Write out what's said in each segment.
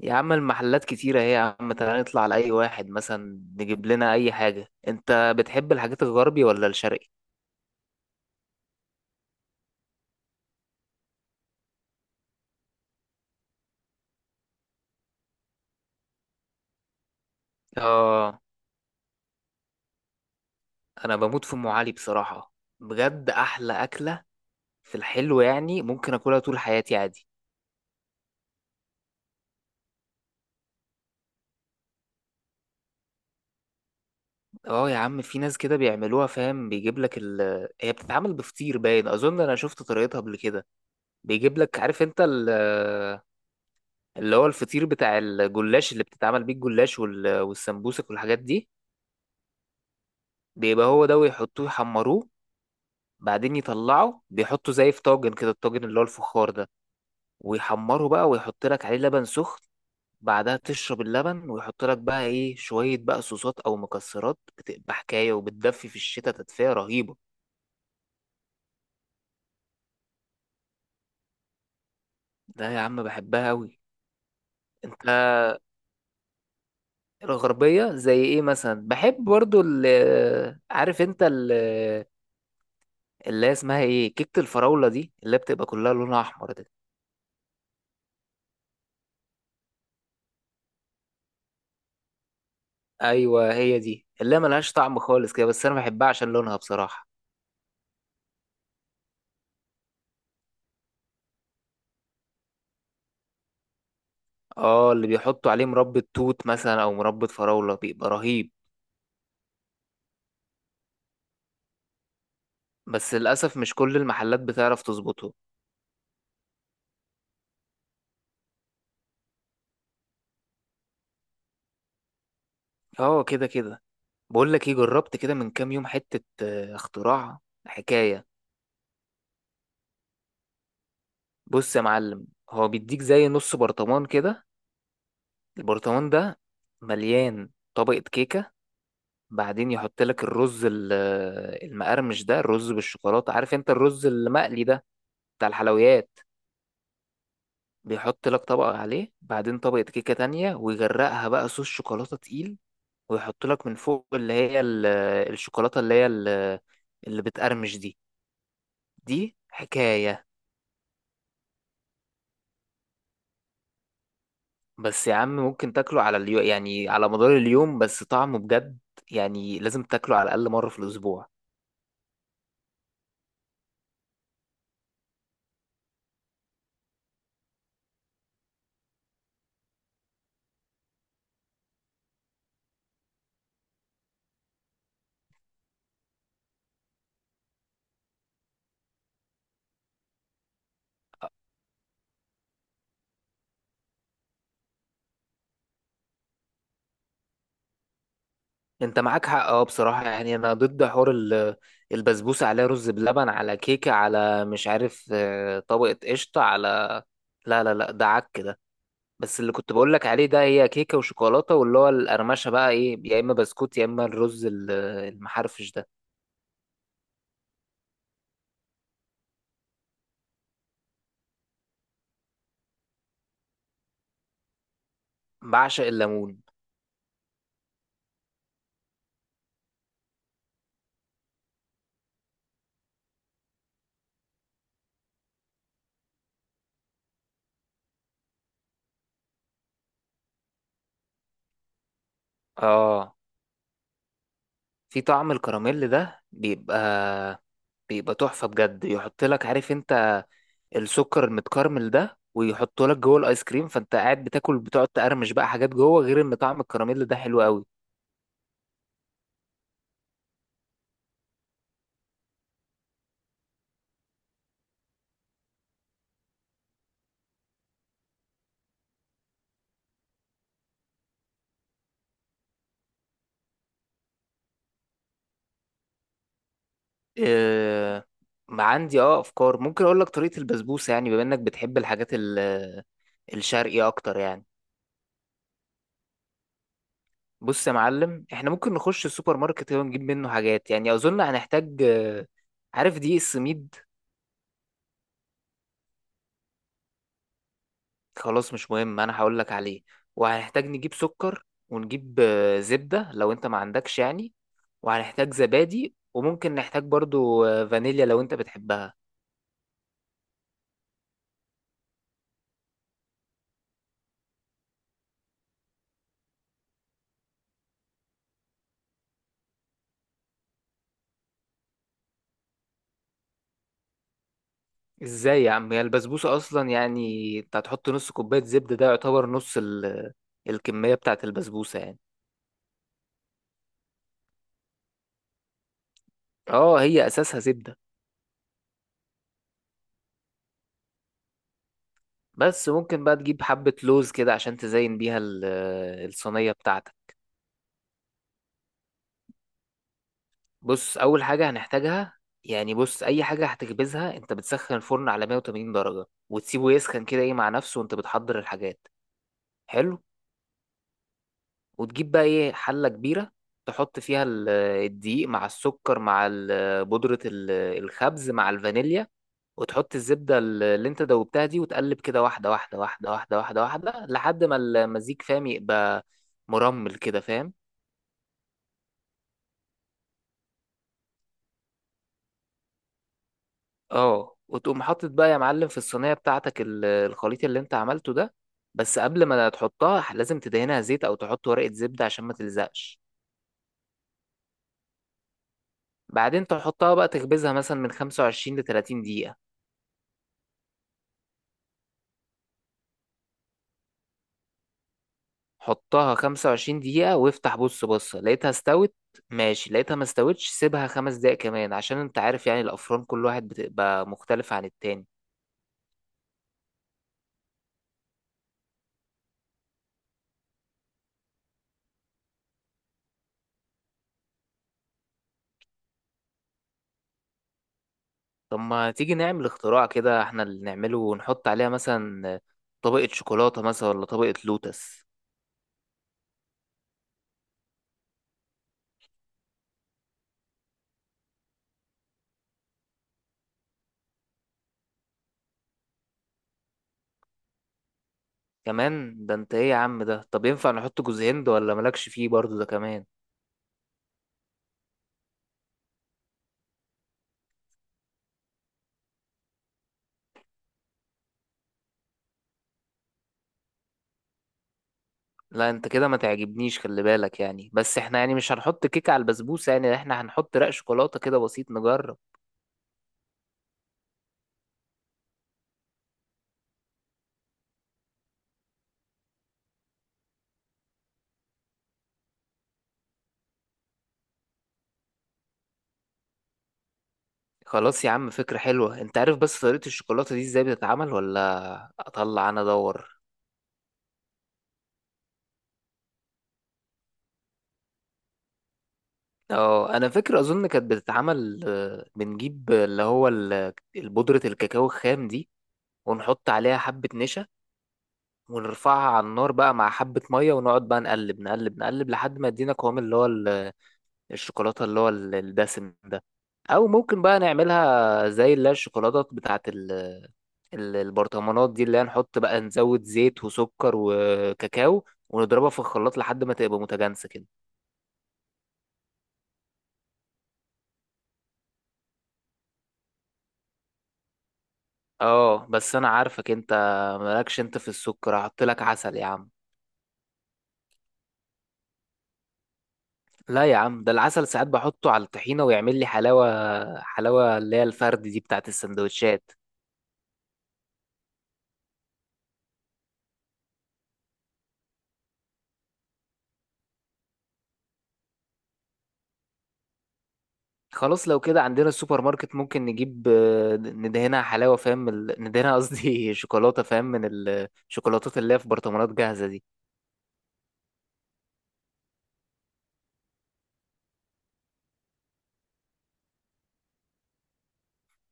يا عم المحلات كتيرة اهي، يا عم تعالى نطلع لأي واحد مثلا نجيب لنا أي حاجة. أنت بتحب الحاجات الغربي ولا الشرقي؟ آه. أنا بموت في أم علي بصراحة. بجد أحلى أكلة في الحلو، يعني ممكن أكلها طول حياتي عادي. آه يا عم، في ناس كده بيعملوها فاهم، بيجيب لك هي بتتعمل بفطير، باين أظن أنا شفت طريقتها قبل كده. بيجيب لك عارف أنت اللي هو الفطير بتاع الجلاش اللي بتتعمل بيه الجلاش والسمبوسك والحاجات دي. بيبقى هو ده ويحطوه يحمروه، بعدين يطلعه بيحطه زي في طاجن كده، الطاجن اللي هو الفخار ده، ويحمره بقى ويحط لك عليه لبن سخن. بعدها تشرب اللبن، ويحط لك بقى ايه شوية بقى صوصات او مكسرات، بتبقى حكاية وبتدفي في الشتاء تدفئة رهيبة. ده يا عم بحبها قوي. انت الغربية زي ايه مثلا؟ بحب برضو ال آه، عارف انت ال آه، اللي هي اسمها ايه كيكة الفراولة دي اللي بتبقى كلها لونها احمر دي. ايوه هي دي اللي هي ملهاش طعم خالص كده، بس انا بحبها عشان لونها بصراحة. اه، اللي بيحطوا عليه مربى توت مثلا او مربى فراولة بيبقى رهيب. بس للاسف مش كل المحلات بتعرف تظبطه. اه، كده كده. بقول لك ايه، جربت كده من كام يوم حتة اختراع، حكاية. بص يا معلم، هو بيديك زي نص برطمان كده، البرطمان ده مليان طبقة كيكة. بعدين يحط لك الرز المقرمش ده، الرز بالشوكولاتة، عارف انت الرز المقلي ده بتاع الحلويات. بيحط لك طبقة عليه، بعدين طبقة كيكة تانية، ويغرقها بقى صوص شوكولاتة تقيل. ويحط لك من فوق اللي هي الشوكولاتة اللي بتقرمش دي. دي حكاية. بس يا عم ممكن تاكله على اليوم، يعني على مدار اليوم، بس طعمه بجد، يعني لازم تاكله على الأقل مرة في الأسبوع. انت معاك حق، اه بصراحة، يعني انا ضد حوار البسبوسة عليها رز بلبن على كيكة على مش عارف طبقة قشطة على، لا لا لا ده عك ده. بس اللي كنت بقول لك عليه ده هي كيكة وشوكولاتة، واللي هو القرمشة بقى ايه، يا اما بسكوت يا اما الرز المحرفش ده. بعشق الليمون. اه، في طعم الكراميل ده بيبقى تحفة بجد، يحط لك عارف انت السكر المتكرمل ده، ويحطه لك جوه الايس كريم، فانت قاعد بتاكل بتقعد تقرمش بقى حاجات جوه، غير ان طعم الكراميل ده حلو قوي. آه، ما عندي افكار، ممكن اقول لك طريقة البسبوسة، يعني بما انك بتحب الحاجات الشرقي اكتر يعني. بص يا معلم، احنا ممكن نخش السوبر ماركت ونجيب منه حاجات، يعني اظن هنحتاج عارف دقيق السميد. خلاص مش مهم، انا هقول لك عليه. وهنحتاج نجيب سكر ونجيب زبدة لو انت ما عندكش يعني. وهنحتاج زبادي، وممكن نحتاج برضو فانيليا لو انت بتحبها. ازاي يا عم، هي البسبوسة اصلا، يعني انت هتحط نص كوباية زبدة، ده يعتبر نص الكمية بتاعة البسبوسة يعني. اه هي اساسها زبدة. بس ممكن بقى تجيب حبة لوز كده، عشان تزين بيها الصينية بتاعتك. بص اول حاجه هنحتاجها، يعني بص، اي حاجه هتخبزها انت بتسخن الفرن على 180 درجه وتسيبه يسخن كده ايه مع نفسه وانت بتحضر الحاجات. حلو. وتجيب بقى ايه حله كبيره، تحط فيها الدقيق مع السكر مع بودره الخبز مع الفانيليا. وتحط الزبده اللي انت دوبتها دي، وتقلب كده واحده واحده واحده واحده واحده واحده لحد ما المزيج فاهم يبقى مرمل كده فاهم. اه وتقوم حاطط بقى يا معلم في الصينيه بتاعتك الخليط اللي انت عملته ده. بس قبل ما تحطها لازم تدهنها زيت او تحط ورقه زبده عشان ما تلزقش. بعدين تحطها بقى تخبزها مثلا من 25 ل 30 دقيقه. حطها 25 دقيقه وافتح بص لقيتها استوت، ماشي. لقيتها ما استوتش سيبها 5 دقايق كمان، عشان انت عارف يعني الافران كل واحد بتبقى مختلفه عن التاني. طب ما تيجي نعمل اختراع كده احنا اللي نعمله، ونحط عليها مثلا طبقه شوكولاته مثلا ولا طبقه لوتس. كمان ده انت ايه يا عم ده، طب ينفع نحط جوز هند ولا مالكش فيه برضو ده كمان. لا انت كده ما تعجبنيش، خلي بالك يعني، بس احنا يعني مش هنحط كيك على البسبوسة، يعني احنا هنحط رق شوكولاتة كده بسيط نجرب. خلاص يا عم فكرة حلوة، انت عارف بس طريقة الشوكولاتة دي ازاي بتتعمل، ولا اطلع انا ادور؟ اه انا فاكر، اظن كانت بتتعمل بنجيب اللي هو البودرة الكاكاو الخام دي، ونحط عليها حبة نشا، ونرفعها على النار بقى مع حبة مية، ونقعد بقى نقلب نقلب نقلب لحد ما يدينا قوام اللي هو الشوكولاتة اللي هو الدسم ده. أو ممكن بقى نعملها زي اللي هي الشوكولاتة بتاعة البرطمانات دي، اللي هي نحط بقى نزود زيت وسكر وكاكاو ونضربها في الخلاط لحد ما تبقى متجانسة كده. اه بس أنا عارفك أنت، مالكش أنت في السكر، هحط لك عسل يا عم. لا يا عم، ده العسل ساعات بحطه على الطحينة ويعمل لي حلاوة، حلاوة اللي هي الفرد دي بتاعة السندوتشات. خلاص لو كده، عندنا السوبر ماركت ممكن نجيب ندهنها حلاوة فاهم من ندهنها قصدي شوكولاتة فاهم من الشوكولاتات اللي هي في برطمانات جاهزة دي.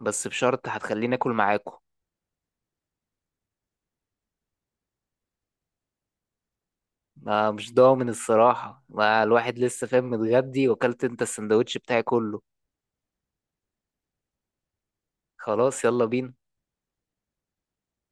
بس بشرط هتخليني آكل معاكم. ما مش ضامن الصراحة، ما الواحد لسه فاهم متغدي وأكلت أنت السندوتش بتاعي كله. خلاص يلا بينا.